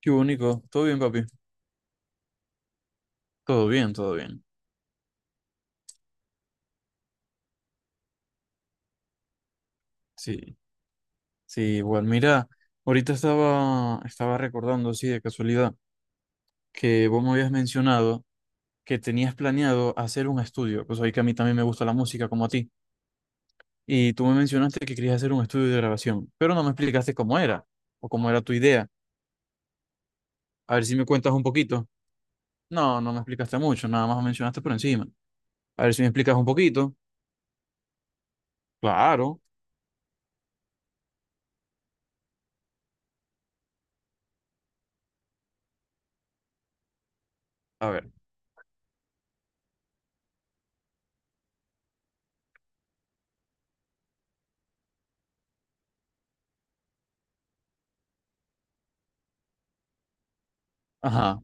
Qué único. Todo bien, papi. Todo bien, todo bien. Sí, sí, igual. Mira, ahorita estaba recordando, sí, de casualidad, que vos me habías mencionado que tenías planeado hacer un estudio. Pues ahí que a mí también me gusta la música como a ti. Y tú me mencionaste que querías hacer un estudio de grabación, pero no me explicaste cómo era o cómo era tu idea. A ver si me cuentas un poquito. No, no me explicaste mucho, nada más me mencionaste por encima. A ver si me explicas un poquito. Claro. A ver. Ajá.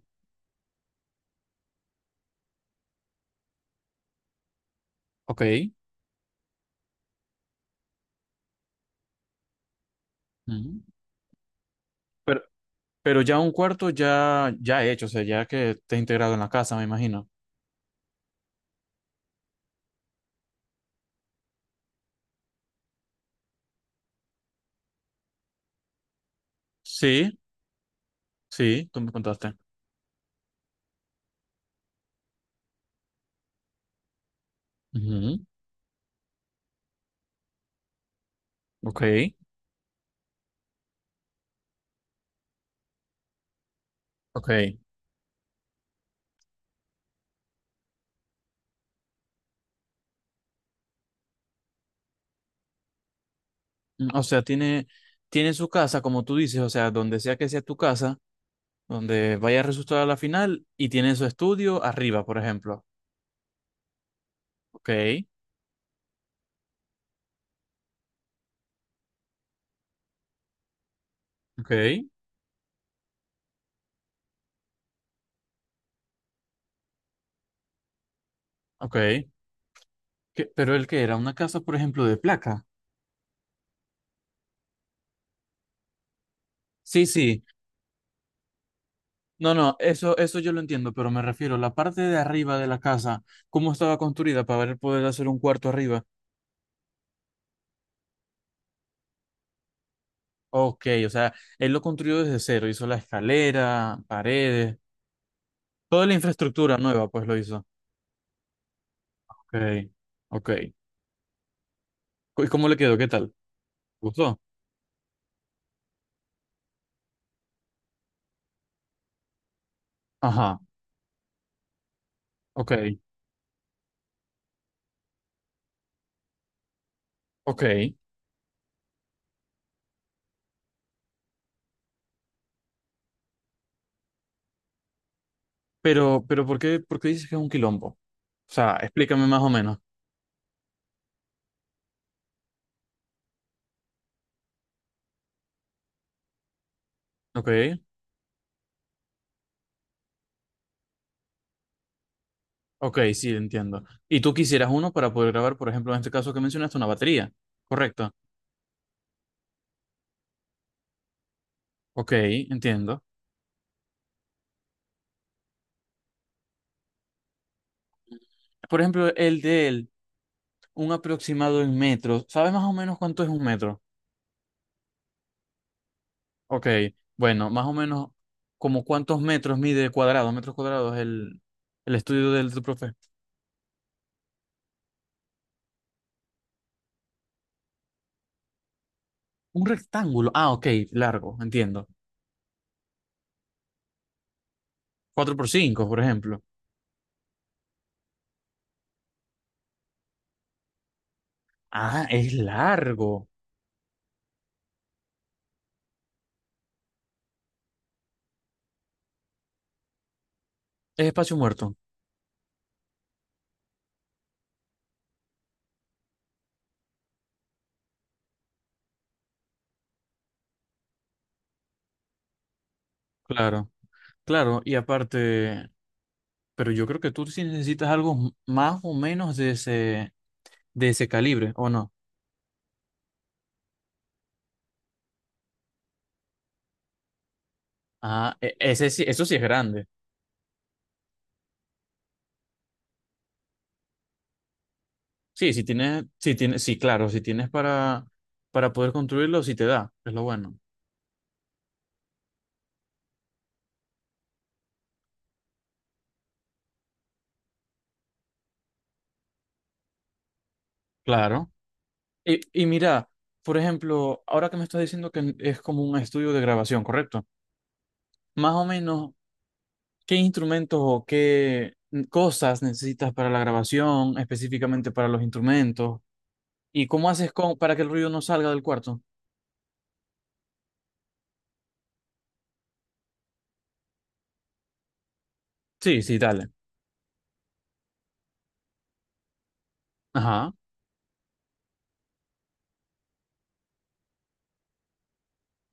Ok. Ujú. Pero Pero ya un cuarto ya, ya hecho, o sea, ya que te has integrado en la casa, me imagino. Sí, sí, tú me contaste. Ujú. Ok, ok. Mm, o sea, tiene, tiene su casa, como tú dices, o sea, donde sea que sea tu casa, donde vaya a resultar a la final, y tiene su estudio arriba, por ejemplo. Ok, ok, ok. ¿Qué- pero el que era una casa, por ejemplo, de placa? Sí, sí. No, no, eso yo lo entiendo, pero me refiero a la parte de arriba de la casa, cómo estaba construida para poder hacer un cuarto arriba. Ok, o sea, él lo construyó desde cero, hizo la escalera, paredes, toda la infraestructura nueva, pues lo hizo. Ok, ok. ¿Y cómo le quedó? ¿Qué tal? ¿Gustó? Ajá, ok, ok. Pero, pero ¿por qué dices que es un quilombo? O sea, explícame más o menos. Ok, ok, sí, entiendo. Y tú quisieras uno para poder grabar, por ejemplo, en este caso que mencionaste, una batería, ¿correcto? Ok, entiendo. Por ejemplo, el de él, un aproximado en metros. ¿Sabes más o menos cuánto es un metro? Ok, bueno, más o menos, ¿como cuántos metros mide cuadrados, metros cuadrados el estudio del tu profe? Un rectángulo. Ah, ok, largo, entiendo. 4 por 5, por ejemplo. Ah, es largo. Es espacio muerto. Claro, claro. Y aparte, pero yo creo que tú sí necesitas algo m- más o menos de ese calibre, ¿o no? Ah, e- ese sí, eso sí es grande. Sí, si tienes, sí, claro, si tienes para poder construirlo, sí te da. Es lo bueno. Claro. Y mira, por ejemplo, ahora que me estás diciendo que es como un estudio de grabación, ¿correcto? Más o menos, ¿qué instrumentos o qué cosas necesitas para la grabación, específicamente para los instrumentos? ¿Y cómo haces con, para que el ruido no salga del cuarto? Sí, sí, dale. Ajá,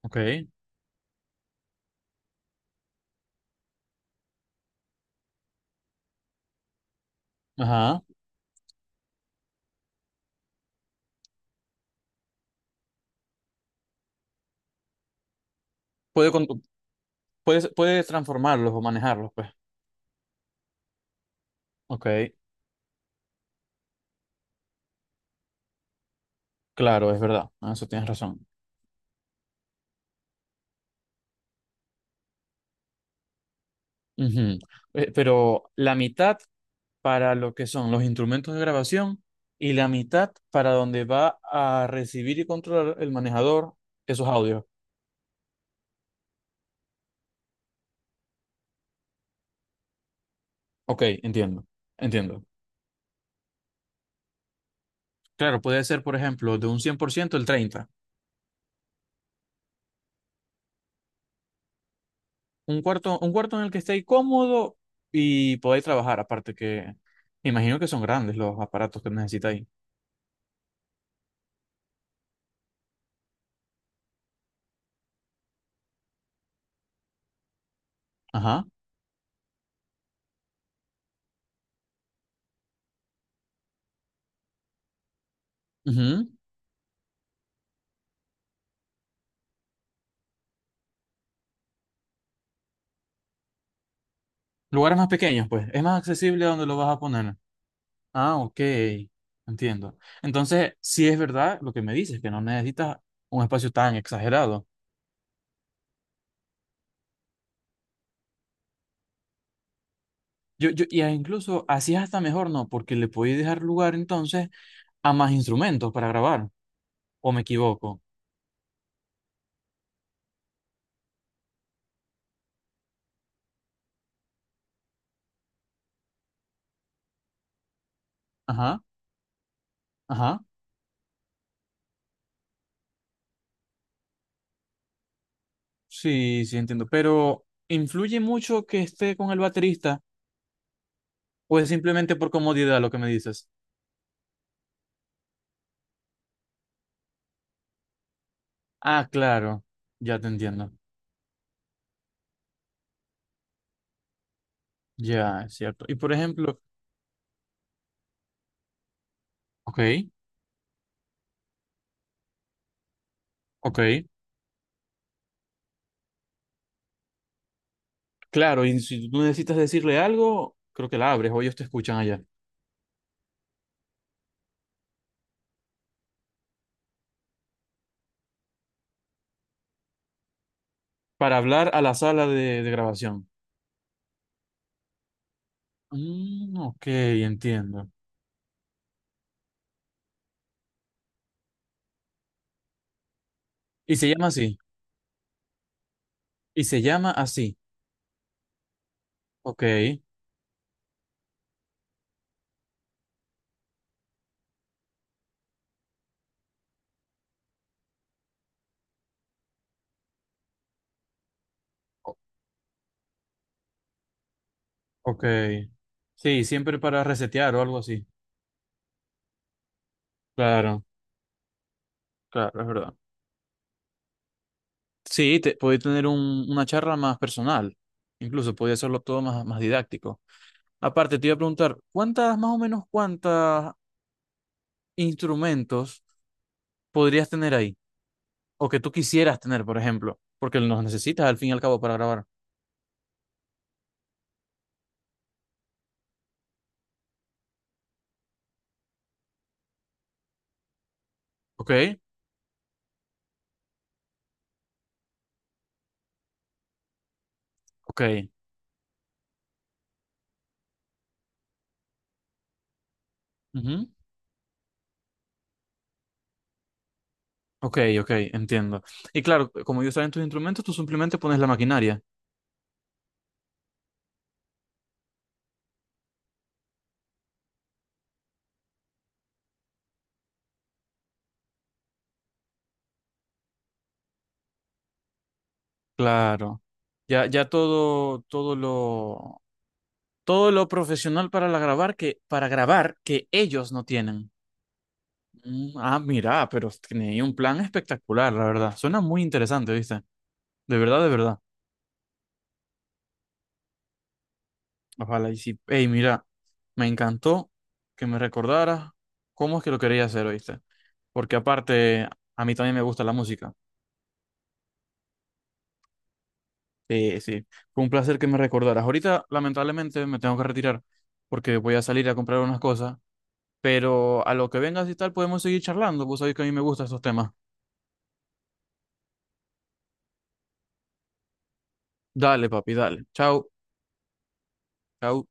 ok, ajá. Puede con- puedes transformarlos o manejarlos, pues. Ok, claro, es verdad, eso tienes razón. Ujú. Pero la mitad para lo que son los instrumentos de grabación y la mitad para donde va a recibir y controlar el manejador esos audios. Ok, entiendo, entiendo. Claro, puede ser, por ejemplo, de un 100% el 30. Un cuarto en el que estéis cómodo y podáis trabajar, aparte que me imagino que son grandes los aparatos que necesitáis. Ajá. Ujú. Lugares más pequeños, pues. Es más accesible donde lo vas a poner. Ah, ok, entiendo. Entonces, sí es verdad lo que me dices, que no necesitas un espacio tan exagerado. Yo, y a- incluso así es hasta mejor, ¿no? Porque le podéis dejar lugar entonces a más instrumentos para grabar, ¿o me equivoco? Ajá, ajá, sí, sí entiendo. Pero, ¿influye mucho que esté con el baterista o es simplemente por comodidad lo que me dices? Ah, claro, ya te entiendo. Ya, es cierto. Y por ejemplo, ok, ok. Claro, y si tú necesitas decirle algo, creo que la abres o ellos te escuchan allá. Para hablar a la sala de grabación. Mm, ok, entiendo. Y se llama así. Y se llama así. Ok, o- ok. Sí, siempre para resetear o algo así. Claro, claro, es verdad. Sí, te, podéis tener un- una charla más personal. Incluso podía hacerlo todo más, más didáctico. Aparte, te iba a preguntar, ¿cuántas, más o menos, cuántas instrumentos podrías tener ahí? O que tú quisieras tener, por ejemplo, porque los necesitas al fin y al cabo para grabar. Ok, ok, ujú. Ok, ok, entiendo. Y claro, como ellos saben tus instrumentos, tú simplemente pones la maquinaria. Claro. Ya, ya todo, todo lo profesional para la grabar que, para grabar que ellos no tienen. Mm, ah, mira, pero tiene un plan espectacular, la verdad. Suena muy interesante, ¿viste? De verdad, de verdad. Ojalá y sí. Ey, mira, me encantó que me recordaras cómo es que lo quería hacer, ¿oíste? Porque aparte, a mí también me gusta la música. Sí, sí. Fue un placer que me recordaras. Ahorita, lamentablemente, me tengo que retirar porque voy a salir a comprar unas cosas. Pero a lo que vengas y tal, podemos seguir charlando. Vos sabés que a mí me gustan esos temas. Dale, papi, dale. Chao, chao.